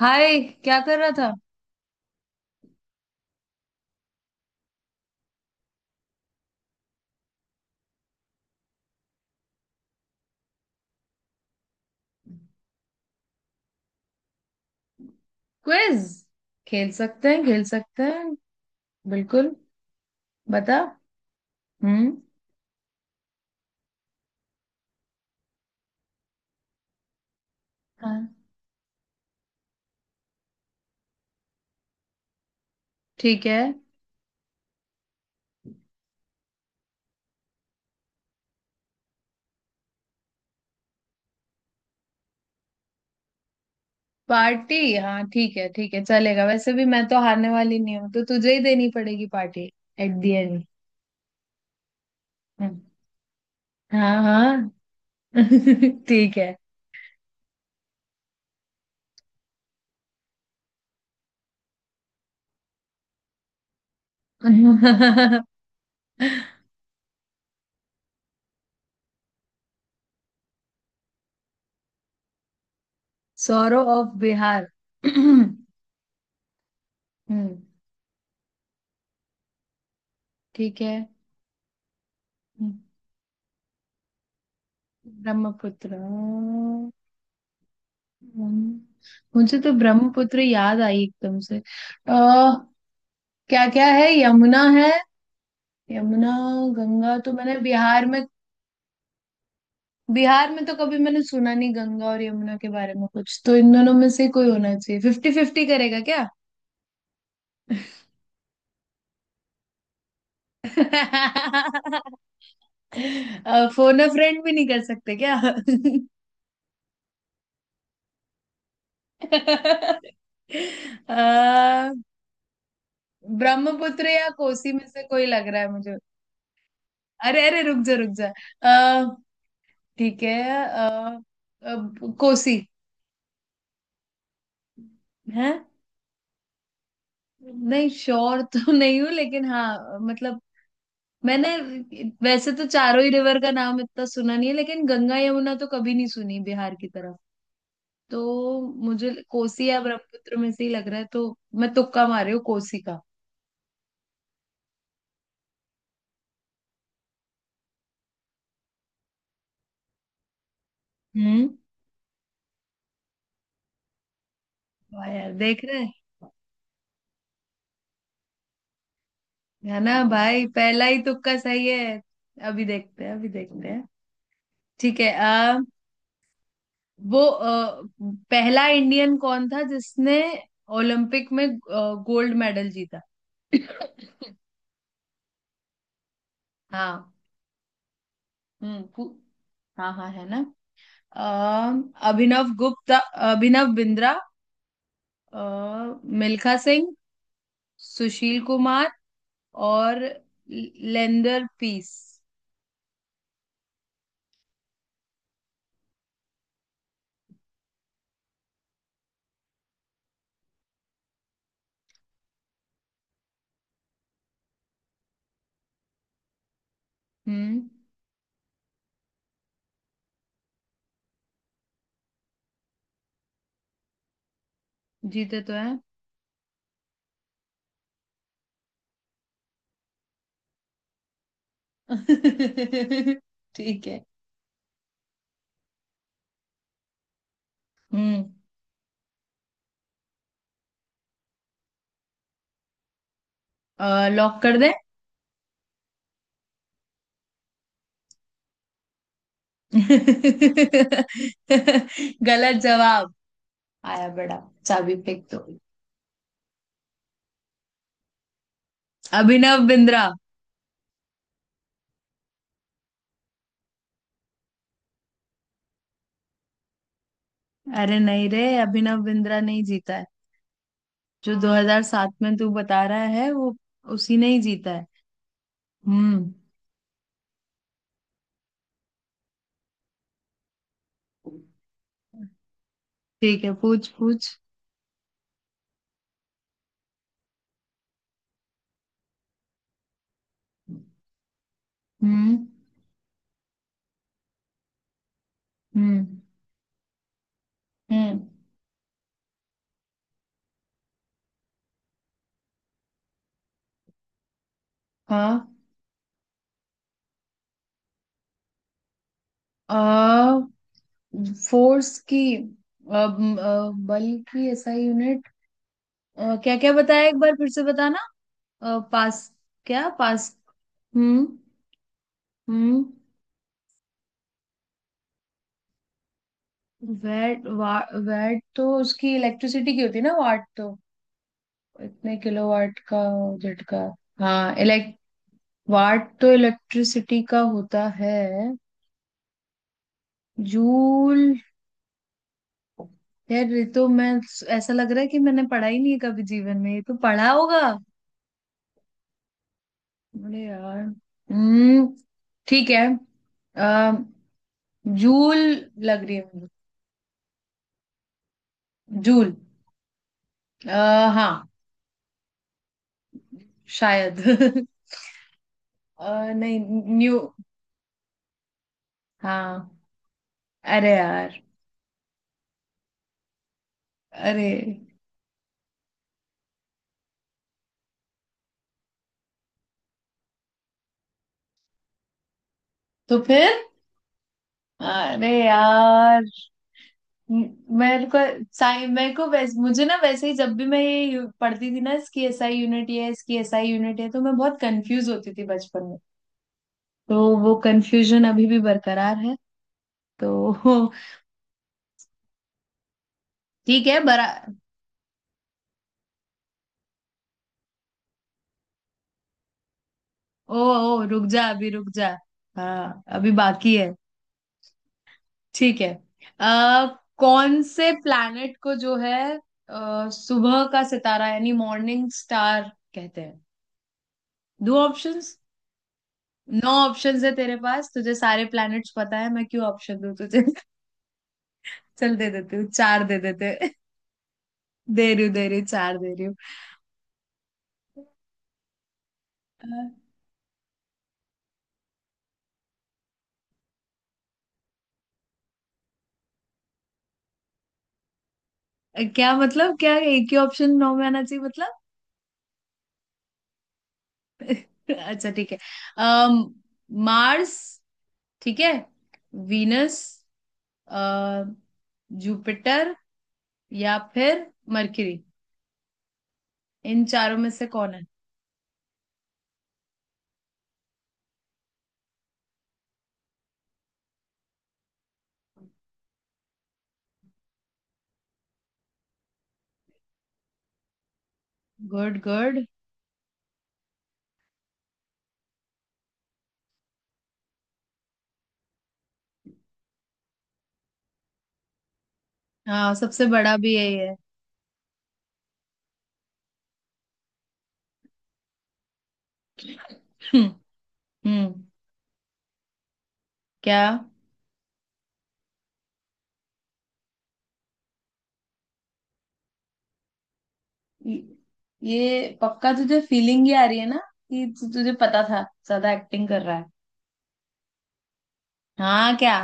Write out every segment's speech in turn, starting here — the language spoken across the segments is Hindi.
हाय। क्या कर रहा था? क्विज खेल सकते हैं, खेल सकते हैं। बिल्कुल, बता। हम्म। हाँ, ठीक है। पार्टी? हाँ, ठीक है, ठीक है, चलेगा। वैसे भी मैं तो हारने वाली नहीं हूँ, तो तुझे ही देनी पड़ेगी पार्टी एट द एंड। हाँ हाँ। ठीक है। सौरव ऑफ बिहार? हम्म। ठीक है। ब्रह्मपुत्र। हम्म। मुझे तो ब्रह्मपुत्र याद आई एकदम से। क्या क्या है? यमुना है। यमुना। गंगा तो मैंने बिहार में तो कभी मैंने सुना नहीं गंगा और यमुना के बारे में कुछ, तो इन दोनों में से कोई होना चाहिए। फिफ्टी फिफ्टी करेगा क्या? फोन अ फ्रेंड भी नहीं कर सकते क्या? अ, ब्रह्मपुत्र या कोसी में से कोई लग रहा है मुझे। अरे अरे, रुक जा रुक जा। ठीक है। अ, अब कोसी है। नहीं, श्योर तो नहीं हूँ, लेकिन हाँ मतलब, मैंने वैसे तो चारों ही रिवर का नाम इतना सुना नहीं है, लेकिन गंगा यमुना तो कभी नहीं सुनी बिहार की तरफ। तो मुझे कोसी या ब्रह्मपुत्र में से ही लग रहा है, तो मैं तुक्का मार रही हूँ कोसी का। हम्म। वाह यार, देख रहे हैं। है ना भाई, पहला ही तुक्का सही है। अभी देखते हैं, अभी देखते हैं। ठीक है। वो पहला इंडियन कौन था जिसने ओलंपिक में गोल्ड मेडल जीता? हाँ। हम्म। हाँ हाँ, है ना। अ, अभिनव गुप्ता, अभिनव बिंद्रा, मिल्खा सिंह, सुशील कुमार और लेंदर पीस। हम्म। जीते तो है। ठीक है। हम्म, लॉक कर दे। गलत जवाब आया बड़ा! चाबी फेंक दो। अभिनव बिंद्रा। अरे नहीं रे, अभिनव बिंद्रा नहीं जीता है। जो 2007 में तू बता रहा है, वो उसी ने ही जीता है। हम्म। ठीक है, पूछ पूछ। हम्म हम्म हम्म। हाँ। आ, फोर्स की बल की ऐसा यूनिट? क्या क्या बताया? एक बार फिर से बताना। पास। क्या पास? हम्म। हम्म। वैट। वैट तो उसकी इलेक्ट्रिसिटी की होती है ना, वाट तो। इतने किलो वाट का झटका। हाँ, इलेक्ट वाट तो इलेक्ट्रिसिटी का होता है। जूल। यार ये तो मैं ऐसा लग रहा है कि मैंने पढ़ा ही नहीं है, कभी जीवन में ये तो पढ़ा होगा। अरे यार। हम्म। ठीक है। आ, जूल लग रही है मुझे। जूल। हाँ, शायद। नहीं। न्यू हाँ। अरे यार। अरे, तो फिर। अरे यार। म- मेरे को साइ मेरे को वैस, मुझे ना, वैसे ही जब भी मैं ये पढ़ती थी ना, इसकी एसआई यूनिट ये है, इसकी एसआई यूनिट है, तो मैं बहुत कंफ्यूज होती थी बचपन में। तो वो कंफ्यूजन अभी भी बरकरार है तो। ठीक है। बरा ओ ओ, रुक जा, अभी रुक जा। हाँ, अभी बाकी है। ठीक है। आ, कौन से प्लैनेट को जो है सुबह का सितारा यानी मॉर्निंग स्टार कहते हैं? दो ऑप्शंस, नौ ऑप्शंस है तेरे पास। तुझे सारे प्लैनेट्स पता है, मैं क्यों ऑप्शन दूं तुझे? चल, दे देती हूँ, चार दे देते हैं। दे रही हूँ, दे रही हूँ, चार दे रही हूँ। क्या मतलब? क्या एक ही ऑप्शन नौ में आना चाहिए मतलब? अच्छा, ठीक है। अम, मार्स, ठीक है, वीनस, अ, जुपिटर, या फिर मरकरी। इन चारों में से कौन है? Good good. हाँ, सबसे बड़ा भी यही है। हम्म। हम्म, क्या? ये ये पक्का तुझे फीलिंग ही आ रही है ना, कि तुझे पता था, ज्यादा एक्टिंग कर रहा है। हाँ, क्या?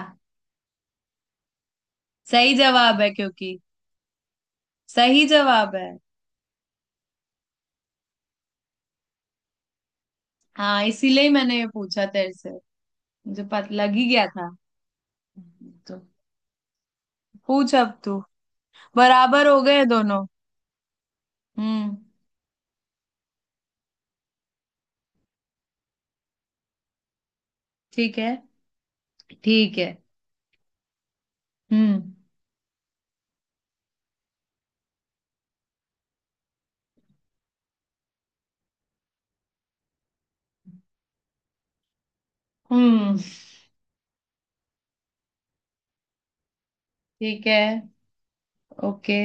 सही जवाब है क्योंकि सही जवाब है। हाँ, इसीलिए ही मैंने ये पूछा तेरे से, मुझे पता लग ही गया था। तो पूछ अब तू। बराबर हो गए दोनों। हम्म। ठीक है, ठीक है। हम्म हम्म। ठीक है। Okay.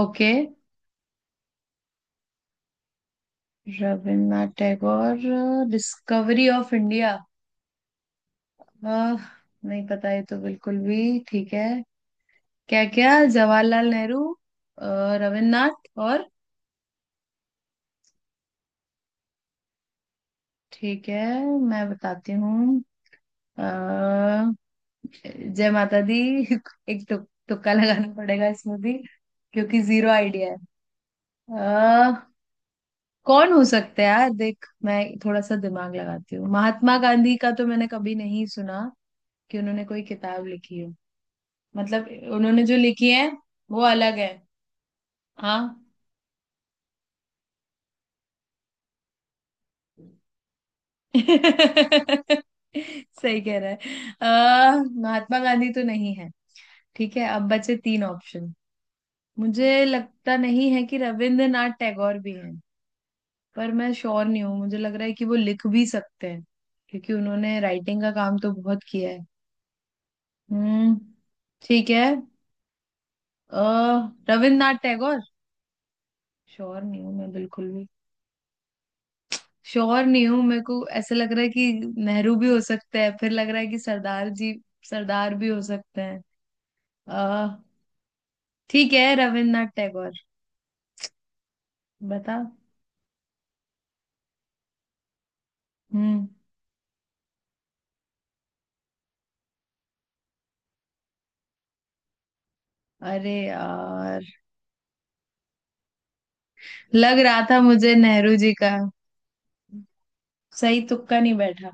Okay. Rabindranath Tagore, Discovery of India. आह, नहीं पता ये तो, बिल्कुल भी। ठीक है। क्या क्या, जवाहरलाल नेहरू, अ, रविन्द्रनाथ, और? ठीक है, मैं बताती हूँ। अ, जय माता दी। एक तुक्का लगाना पड़ेगा इसमें भी, क्योंकि जीरो आइडिया है। आ, कौन हो सकता है यार? देख, मैं थोड़ा सा दिमाग लगाती हूँ। महात्मा गांधी का तो मैंने कभी नहीं सुना कि उन्होंने कोई किताब लिखी हो। मतलब, उन्होंने जो लिखी है, वो अलग है। हाँ। सही कह रहा है। आ, महात्मा गांधी तो नहीं है। ठीक है, अब बचे तीन ऑप्शन। मुझे लगता नहीं है कि रविंद्रनाथ टैगोर भी हैं, पर मैं श्योर नहीं हूँ, मुझे लग रहा है कि वो लिख भी सकते हैं, क्योंकि उन्होंने राइटिंग का काम तो बहुत किया है। हम्म। ठीक है। अ, रविंद्रनाथ टैगोर। श्योर नहीं हूँ मैं बिल्कुल भी, श्योर नहीं हूँ। मेरे को ऐसा लग रहा है कि नेहरू भी हो सकते हैं, फिर लग रहा है कि सरदार जी, सरदार भी हो सकते हैं। ठीक है, रविन्द्रनाथ टैगोर। बता। हम्म। अरे यार, लग रहा था मुझे नेहरू जी का। सही तुक्का नहीं बैठा।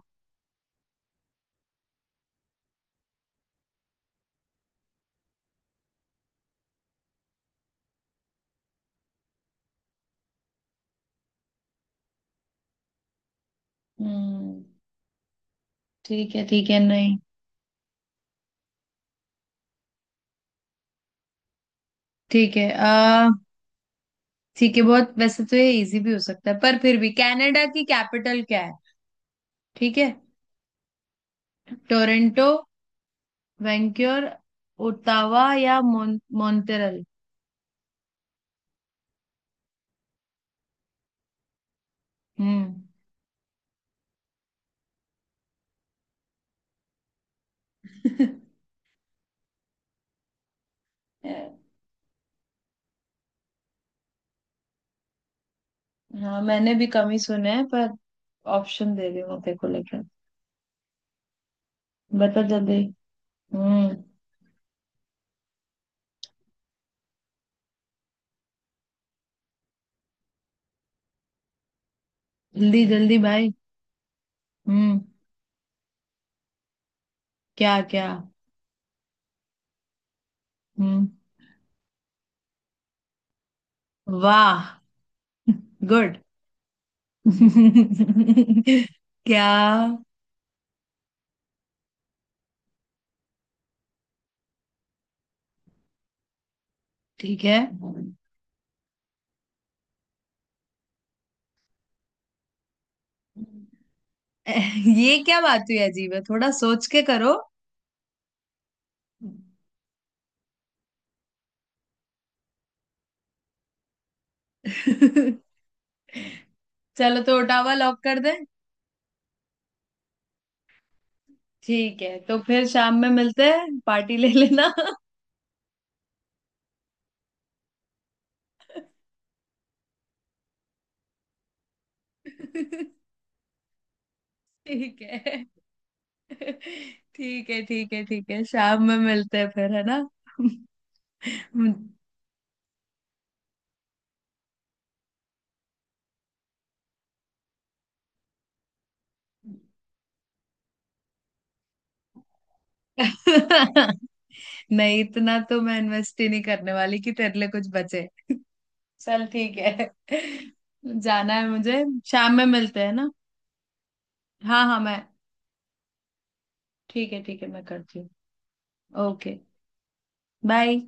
हम्म। ठीक है, ठीक है, नहीं, ठीक है। आ ठीक है, बहुत। वैसे तो ये इजी भी हो सकता है, पर फिर भी, कनाडा की कैपिटल क्या है? ठीक है। टोरंटो, वैंक्योर, ओटावा या मॉन्ट्रियल। हम्म। हाँ, मैंने भी कम ही सुने हैं, पर ऑप्शन दे रही हूँ तेरे को लेकर। बता जल्दी। हम्म। जल्दी जल्दी भाई। हम्म। क्या क्या? हम्म। वाह, गुड। क्या? ठीक है। ये क्या बात हुई? अजीब है, थोड़ा सोच के करो। चलो, तो ओटावा लॉक कर दें। ठीक है, तो फिर शाम में मिलते हैं, पार्टी ले लेना। ठीक है, ठीक है, ठीक है। ठीक है, शाम में मिलते हैं फिर, है ना? नहीं, इतना तो मैं इन्वेस्ट ही नहीं करने वाली कि तेरे लिए कुछ बचे। चल, ठीक है। जाना है मुझे। शाम में मिलते हैं ना? हाँ हाँ। मैं, ठीक है, ठीक है, मैं करती हूँ। ओके। बाय।